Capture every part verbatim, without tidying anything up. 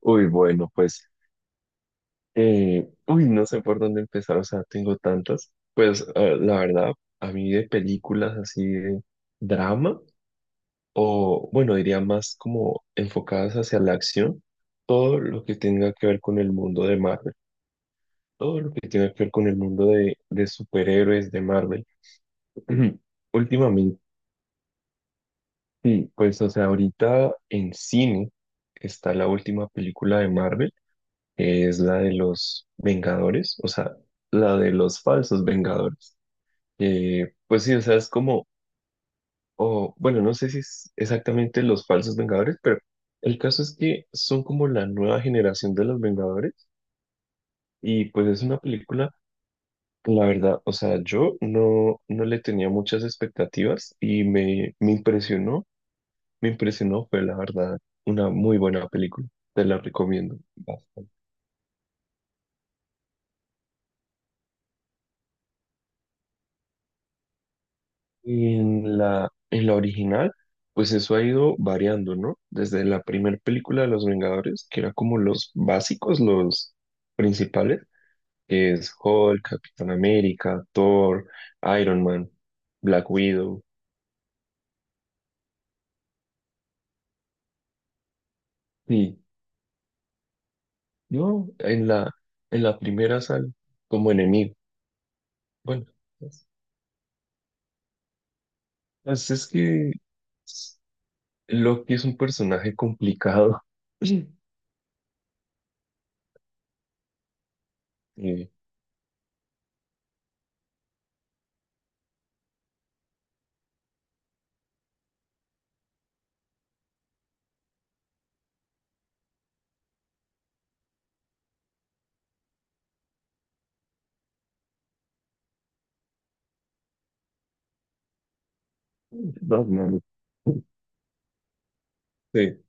Uy, bueno, pues, eh, uy, no sé por dónde empezar, o sea, tengo tantas. Pues, eh, la verdad, a mí de películas así de drama, o bueno, diría más como enfocadas hacia la acción, todo lo que tenga que ver con el mundo de Marvel, todo lo que tenga que ver con el mundo de, de superhéroes de Marvel. Últimamente, sí, pues, o sea, ahorita en cine está la última película de Marvel. Es la de los Vengadores, o sea, la de los falsos Vengadores. Eh, pues sí, o sea, es como, o bueno, no sé si es exactamente los falsos Vengadores, pero el caso es que son como la nueva generación de los Vengadores y pues es una película, la verdad, o sea, yo no, no le tenía muchas expectativas y me, me impresionó, me impresionó, fue la verdad una muy buena película, te la recomiendo. Y en la, en la original, pues eso ha ido variando, ¿no? Desde la primera película de Los Vengadores, que era como los básicos, los principales, que es Hulk, Capitán América, Thor, Iron Man, Black Widow. Y yo en la, en la primera sal como enemigo. Bueno, pues pues es que es- Loki es un personaje complicado. Sí. Sí. Batman. Sí.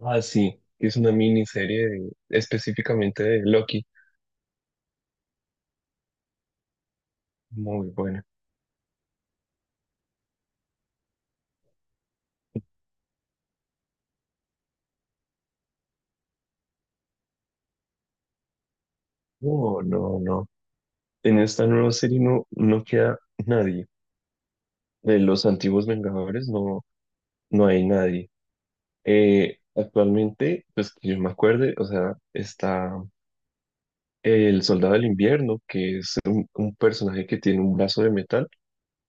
Ah, sí, que es una miniserie de- específicamente de Loki. Muy buena. No, no, no. En esta nueva serie no, no queda nadie. De los antiguos Vengadores no, no hay nadie. Eh, actualmente, pues que yo me acuerde, o sea, está el Soldado del Invierno, que es un, un personaje que tiene un brazo de metal,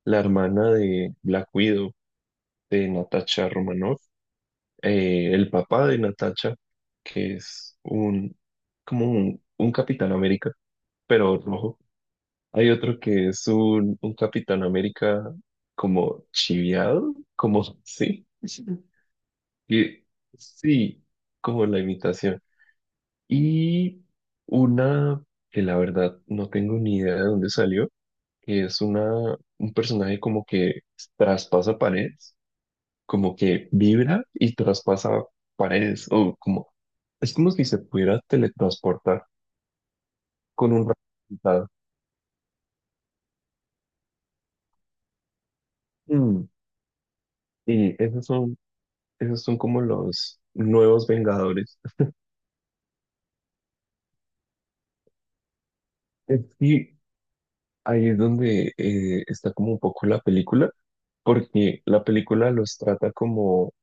la hermana de Black Widow, de Natasha Romanoff, eh, el papá de Natasha, que es un, como un, un Capitán América, pero rojo. Hay otro que es un, un Capitán América como chiviado, como sí. Y sí, como la imitación. Y una que la verdad no tengo ni idea de dónde salió, que es una, un personaje como que traspasa paredes, como que vibra y traspasa paredes, o como es como si se pudiera teletransportar con un resultado. Mm. Y esos son, esos son como los nuevos Vengadores. Es que ahí es donde eh, está como un poco la película, porque la película los trata como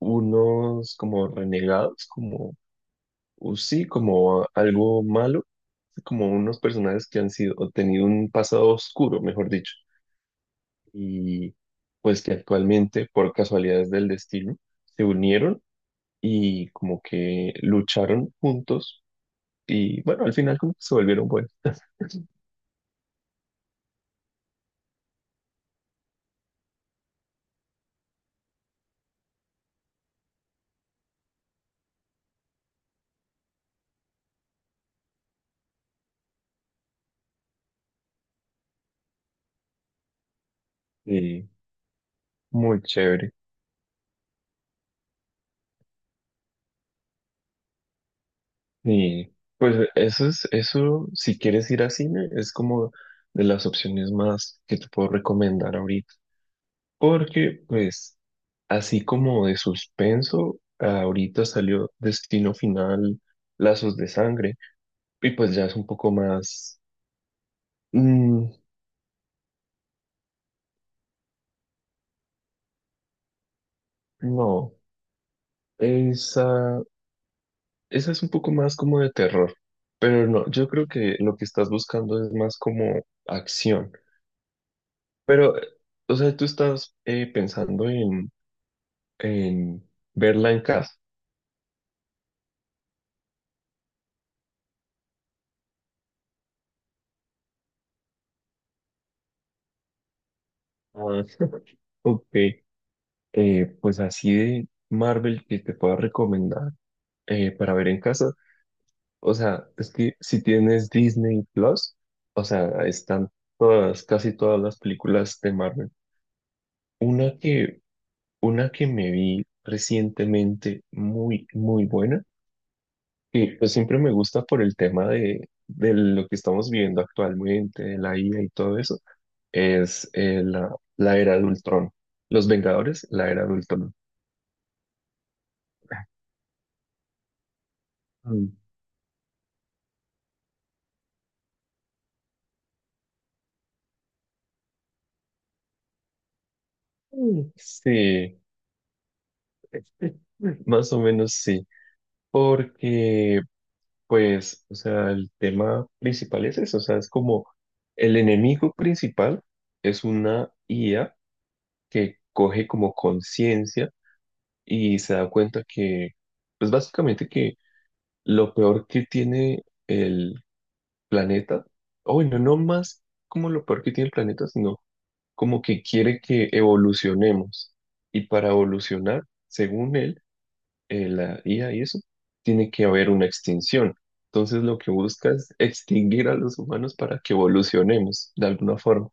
unos como renegados, como uh, sí, como algo malo, como unos personajes que han sido, o tenido un pasado oscuro, mejor dicho, y pues que actualmente, por casualidades del destino, se unieron y como que lucharon juntos y bueno, al final como que se volvieron buenos. Sí, muy chévere. Y pues eso es, eso si quieres ir a cine es como de las opciones más que te puedo recomendar ahorita. Porque pues así como de suspenso, ahorita salió Destino Final, Lazos de Sangre y pues ya es un poco más... mm, no, esa esa es un poco más como de terror, pero no, yo creo que lo que estás buscando es más como acción. Pero, eh, o sea, tú estás eh, pensando en, en verla en casa. Ah, ok. Eh, pues así de Marvel que te pueda recomendar eh, para ver en casa. O sea, es que si tienes Disney Plus, o sea, están todas, casi todas las películas de Marvel. Una que Una que me vi recientemente muy, muy buena, que pues siempre me gusta por el tema de, de lo que estamos viviendo actualmente, de la I A y todo eso, es eh, la, la era de Ultron. Los Vengadores, la era de Ultron. Mm. Mm, sí, más o menos sí, porque pues, o sea, el tema principal es eso, o sea, es como el enemigo principal es una I A que coge como conciencia y se da cuenta que, pues básicamente que lo peor que tiene el planeta, o bueno, no más como lo peor que tiene el planeta, sino como que quiere que evolucionemos. Y para evolucionar, según él, eh, la I A y eso, tiene que haber una extinción. Entonces lo que busca es extinguir a los humanos para que evolucionemos de alguna forma.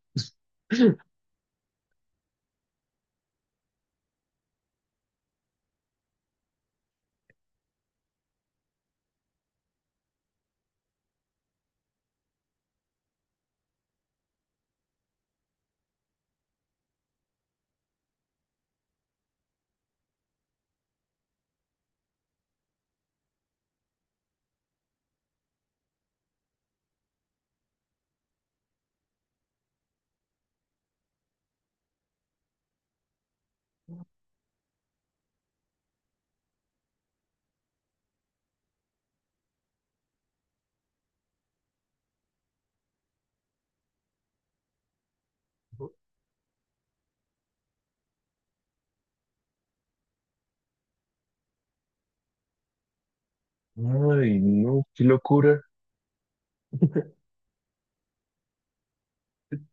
Ay, no, qué locura.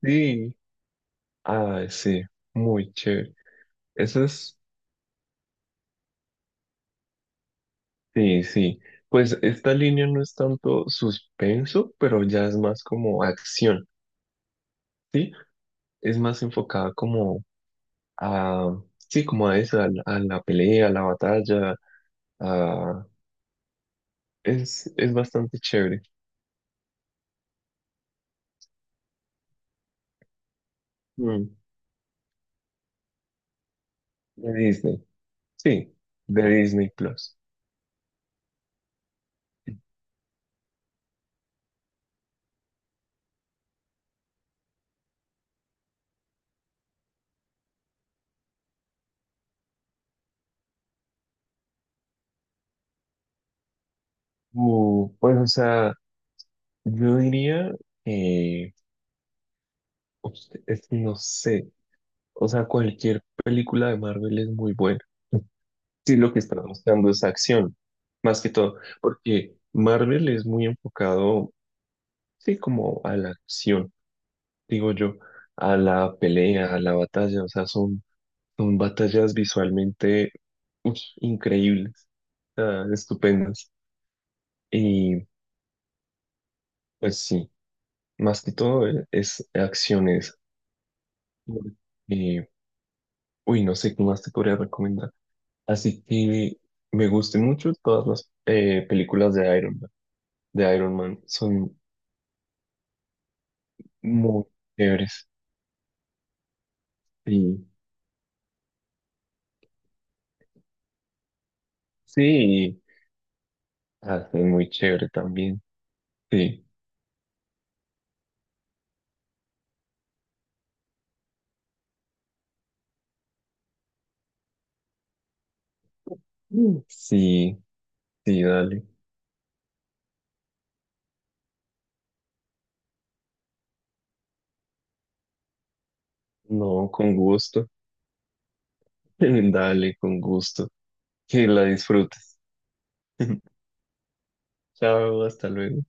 Sí, ay, sí, muy chévere. Eso es, sí, sí. Pues esta línea no es tanto suspenso, pero ya es más como acción, ¿sí? Es más enfocada como a, sí, como a eso, a la, a la pelea, a la batalla, a... Es, es bastante chévere. Mm, de Disney, sí, de Disney Plus. Uh, pues, o sea, yo diría que, ups, es que no sé, o sea, cualquier película de Marvel es muy buena. Sí, lo que está mostrando es acción, más que todo, porque Marvel es muy enfocado, sí, como a la acción, digo yo, a la pelea, a la batalla, o sea, son, son batallas visualmente uy, increíbles, ah, estupendas. Y pues sí, más que todo eh, es acciones. Y, uy, no sé qué más te podría recomendar. Así que me gustan mucho todas las eh, películas de Iron Man, de Iron Man son muy chéveres. Sí, sí, hace muy chévere también. Sí. Mm. Sí, sí, dale. No, con gusto. Dale, con gusto. Que la disfrutes. Chao, hasta luego.